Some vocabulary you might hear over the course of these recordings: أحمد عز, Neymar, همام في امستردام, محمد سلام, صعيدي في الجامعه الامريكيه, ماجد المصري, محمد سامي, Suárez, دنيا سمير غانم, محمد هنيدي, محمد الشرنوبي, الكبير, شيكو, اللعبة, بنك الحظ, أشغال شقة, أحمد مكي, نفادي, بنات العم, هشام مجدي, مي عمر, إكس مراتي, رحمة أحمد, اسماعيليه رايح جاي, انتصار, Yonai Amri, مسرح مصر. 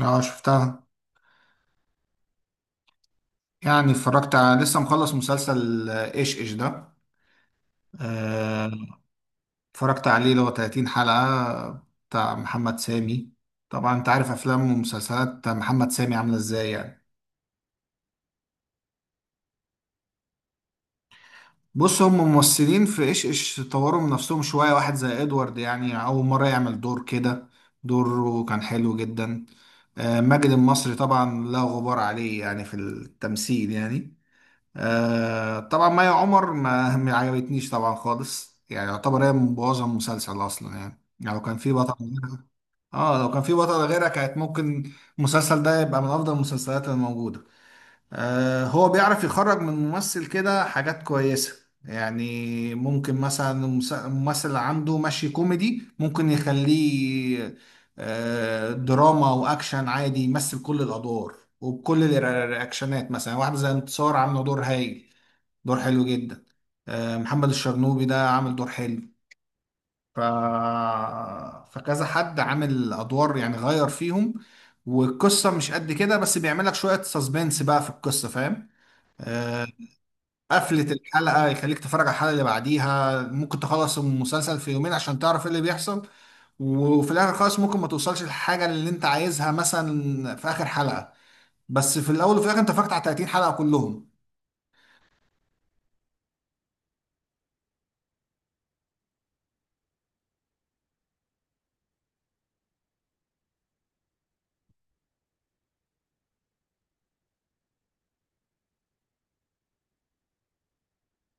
اه، شفتها. يعني اتفرجت على لسه مخلص مسلسل ايش ايش ده. آه، اتفرجت عليه اللي هو 30 حلقة، بتاع محمد سامي. طبعا انت عارف افلام ومسلسلات محمد سامي عاملة ازاي يعني. بص، هم ممثلين في ايش ايش طوروا من نفسهم شوية. واحد زي ادوارد يعني اول مرة يعمل دور كده، دوره كان حلو جدا. ماجد المصري طبعا لا غبار عليه يعني في التمثيل يعني. طبعا مي عمر ما عجبتنيش طبعا خالص، يعني يعتبر هي مبوظه المسلسل اصلا. يعني لو كان في بطل غيرها، اه لو كان في بطل غيرها كانت ممكن المسلسل ده يبقى من افضل المسلسلات الموجوده. هو بيعرف يخرج من ممثل كده حاجات كويسه، يعني ممكن مثلا الممثل اللي عنده ماشي كوميدي ممكن يخليه دراما واكشن، عادي يمثل كل الادوار وبكل الرياكشنات. مثلا واحد زي انتصار عامله دور هايل، دور حلو جدا. محمد الشرنوبي ده عامل دور حلو. ف... فكذا حد عامل ادوار يعني غير فيهم. والقصه مش قد كده، بس بيعمل لك شويه سسبنس بقى في القصه، فاهم؟ آه، قفله الحلقه يخليك تتفرج على الحلقه اللي بعديها، ممكن تخلص المسلسل في يومين عشان تعرف ايه اللي بيحصل. وفي الاخر خالص ممكن ما توصلش للحاجه اللي انت عايزها مثلا في اخر حلقه، بس في الاول وفي الاخر انت فاكت على 30 حلقه كلهم.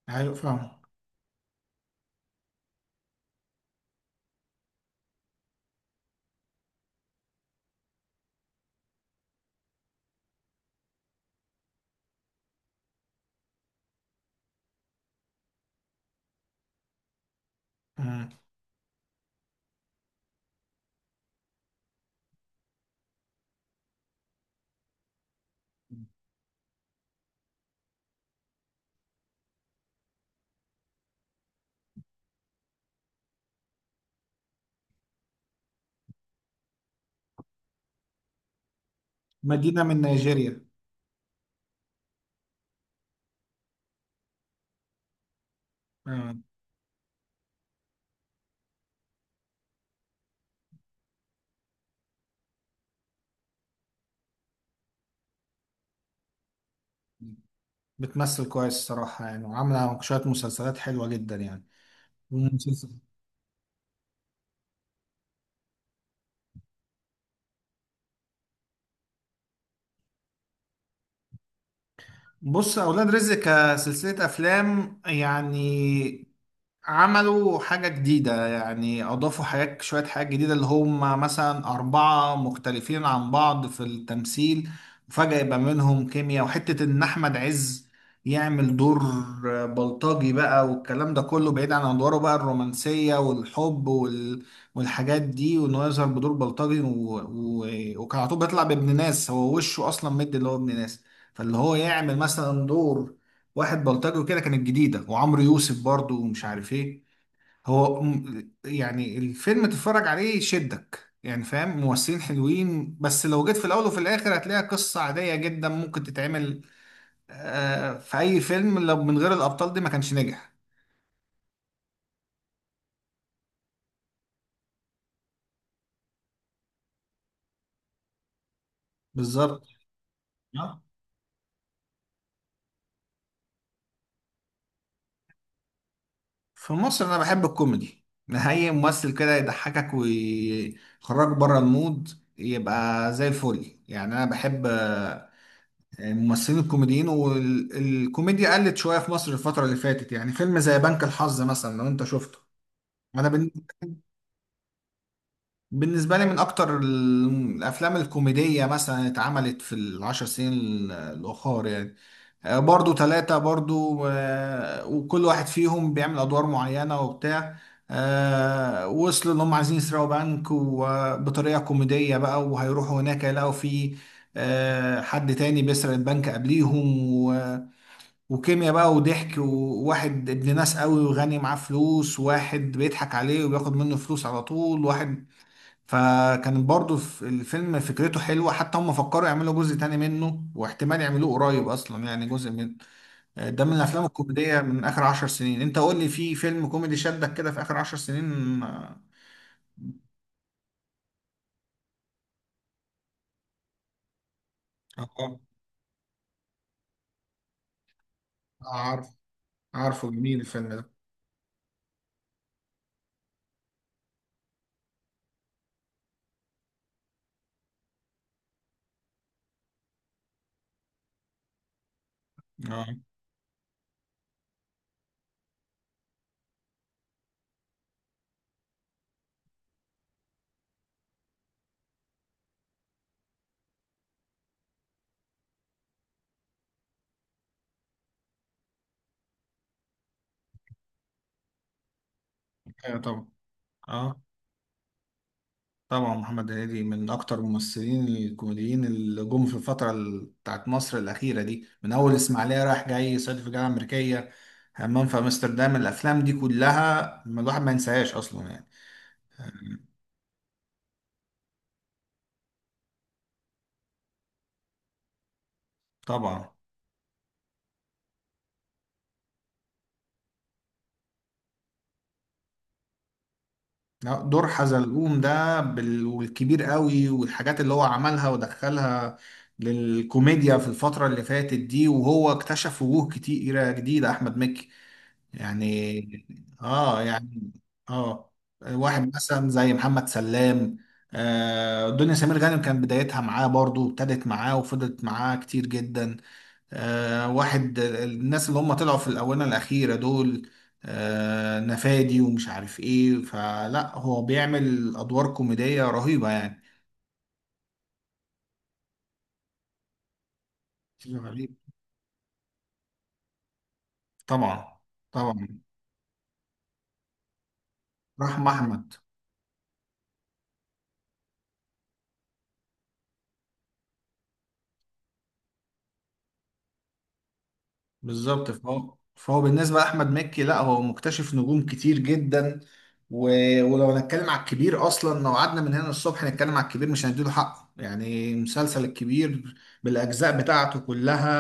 ايوه، فاهم. مم. مدينه من نيجيريا. بتمثل كويس الصراحة، يعني وعاملة شوية مسلسلات حلوة جدا يعني. ومسلسل. بص، أولاد رزق كسلسلة أفلام يعني عملوا حاجة جديدة، يعني أضافوا حاجات، شوية حاجات جديدة. اللي هم مثلا أربعة مختلفين عن بعض في التمثيل، وفجأة يبقى منهم كيمياء. وحتة إن أحمد عز يعمل دور بلطجي بقى، والكلام ده كله بعيد عن أدواره بقى الرومانسية والحب والحاجات دي، وإنه يظهر بدور بلطجي و... وكان على طول بيطلع بابن ناس، هو وشه أصلا مد اللي هو ابن ناس. فاللي هو يعمل مثلا دور واحد بلطجي كده كانت جديدة. وعمرو يوسف برضو، ومش عارف ايه. يعني الفيلم تتفرج عليه يشدك يعني، فاهم؟ ممثلين حلوين، بس لو جيت في الأول وفي الآخر هتلاقيها قصة عادية جدا، ممكن تتعمل في أي فيلم. لو من غير الأبطال دي ما كانش نجح. بالظبط. آه. في مصر أنا بحب الكوميدي. أي ممثل كده يضحكك ويخرجك بره المود يبقى زي الفل. يعني أنا بحب ممثلين الكوميديين. والكوميديا قلت شوية في مصر الفترة اللي فاتت. يعني فيلم زي بنك الحظ مثلا، لو انت شفته. انا بن- بالنسبة لي من اكتر الافلام الكوميدية مثلا اتعملت في العشر سنين الاخر يعني. برضو ثلاثة برضو، وكل واحد فيهم بيعمل ادوار معينة وبتاع. وصلوا ان هم عايزين يسرقوا بنك وبطريقة كوميدية بقى، وهيروحوا هناك يلاقوا فيه حد تاني بيسرق البنك قبليهم. وكيمياء بقى وضحك، وواحد ابن ناس قوي وغني معاه فلوس، واحد بيضحك عليه وبياخد منه فلوس على طول، واحد. فكان برضو في الفيلم فكرته حلوة، حتى هم فكروا يعملوا جزء تاني منه، واحتمال يعملوه قريب. أصلا يعني جزء من ده من الأفلام الكوميدية من آخر 10 سنين. أنت قول لي في فيلم كوميدي شدك كده في آخر 10 سنين. آه، عارف. عارفه جميل الفيلم ده. اه. ايوه طبعا. اه. طبعا محمد هنيدي من اكتر الممثلين الكوميديين اللي جم في الفتره بتاعت مصر الاخيره دي، من اول اسماعيليه رايح جاي، صعيدي في الجامعه الامريكيه، همام في امستردام. الافلام دي كلها ما الواحد ما ينساهاش اصلا يعني. طبعا. لا، دور حزلقوم ده والكبير قوي، والحاجات اللي هو عملها ودخلها للكوميديا في الفتره اللي فاتت دي. وهو اكتشف وجوه كتيره جديده احمد مكي يعني. اه، يعني. اه. واحد مثلا زي محمد سلام. دنيا سمير غانم كان بدايتها معاه برضو، ابتدت معاه وفضلت معاه كتير جدا. واحد الناس اللي هم طلعوا في الآونة الأخيرة دول نفادي ومش عارف ايه. فلا، هو بيعمل أدوار كوميدية رهيبة يعني. شيء غريب. طبعا. طبعا. رحمة أحمد. بالظبط. فهو بالنسبة لأحمد مكي، لا هو مكتشف نجوم كتير جدا. و... ولو هنتكلم على الكبير أصلا، لو قعدنا من هنا الصبح نتكلم على الكبير مش هنديله حقه. يعني مسلسل الكبير بالأجزاء بتاعته كلها،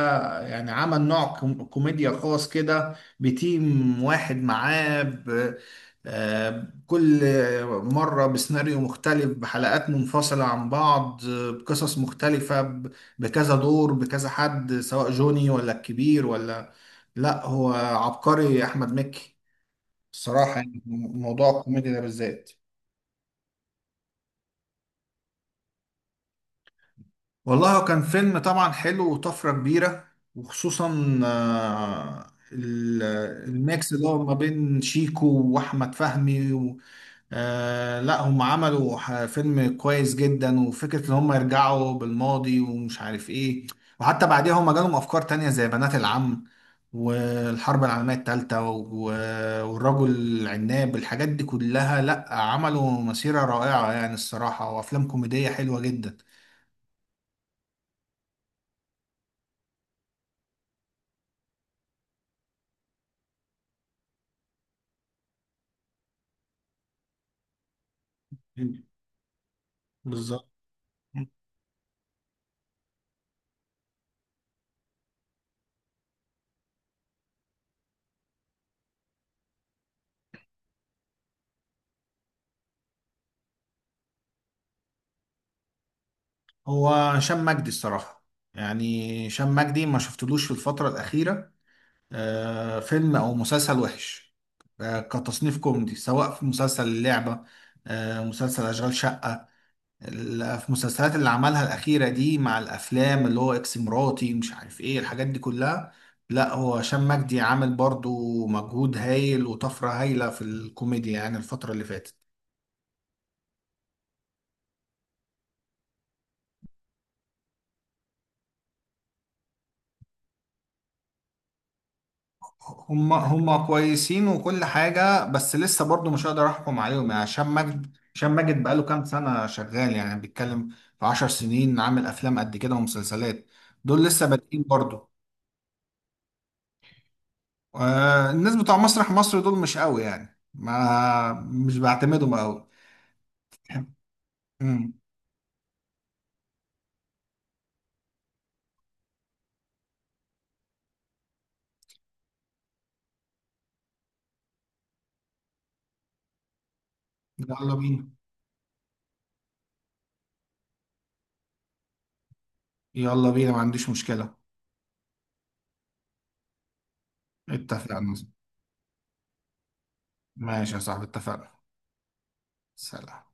يعني عمل نوع كوميديا خاص كده بتيم واحد معاه كل مرة بسيناريو مختلف، بحلقات منفصلة عن بعض، بقصص مختلفة، بكذا دور، بكذا حد، سواء جوني ولا الكبير ولا. لا هو عبقري احمد مكي الصراحه يعني، موضوع الكوميديا ده بالذات. والله هو كان فيلم طبعا حلو وطفره كبيره، وخصوصا الميكس اللي هو ما بين شيكو واحمد فهمي. لا هم عملوا فيلم كويس جدا، وفكرة ان هم يرجعوا بالماضي ومش عارف ايه. وحتى بعديها هم جالهم افكار تانية زي بنات العم، والحرب العالمية التالتة والرجل العناب. الحاجات دي كلها لا، عملوا مسيرة رائعة يعني الصراحة، وافلام كوميدية حلوة جدا. مم. بالظب- هو هشام مجدي الصراحة. يعني هشام مجدي ما شفتلوش في الفترة الأخيرة فيلم او مسلسل وحش كتصنيف كوميدي، سواء في مسلسل اللعبة، مسلسل أشغال شقة، في المسلسلات اللي عملها الأخيرة دي، مع الأفلام اللي هو إكس مراتي مش عارف إيه، الحاجات دي كلها. لا هو هشام مجدي عامل برضو مجهود هايل وطفرة هايلة في الكوميديا يعني الفترة اللي فاتت. هم كويسين وكل حاجة، بس لسه برضو مش هقدر أحكم عليهم. يعني هشام ماجد هشام ماجد بقاله كام سنة شغال، يعني بيتكلم في 10 سنين عامل أفلام قد كده ومسلسلات. دول لسه بادئين برضو. الناس بتوع مسرح مصر دول مش قوي يعني، ما مش بعتمدهم قوي. أمم، يلا بينا. يلا بينا، ما عنديش مشكلة. اتفقنا. ماشي يا صاحبي، اتفقنا. سلام.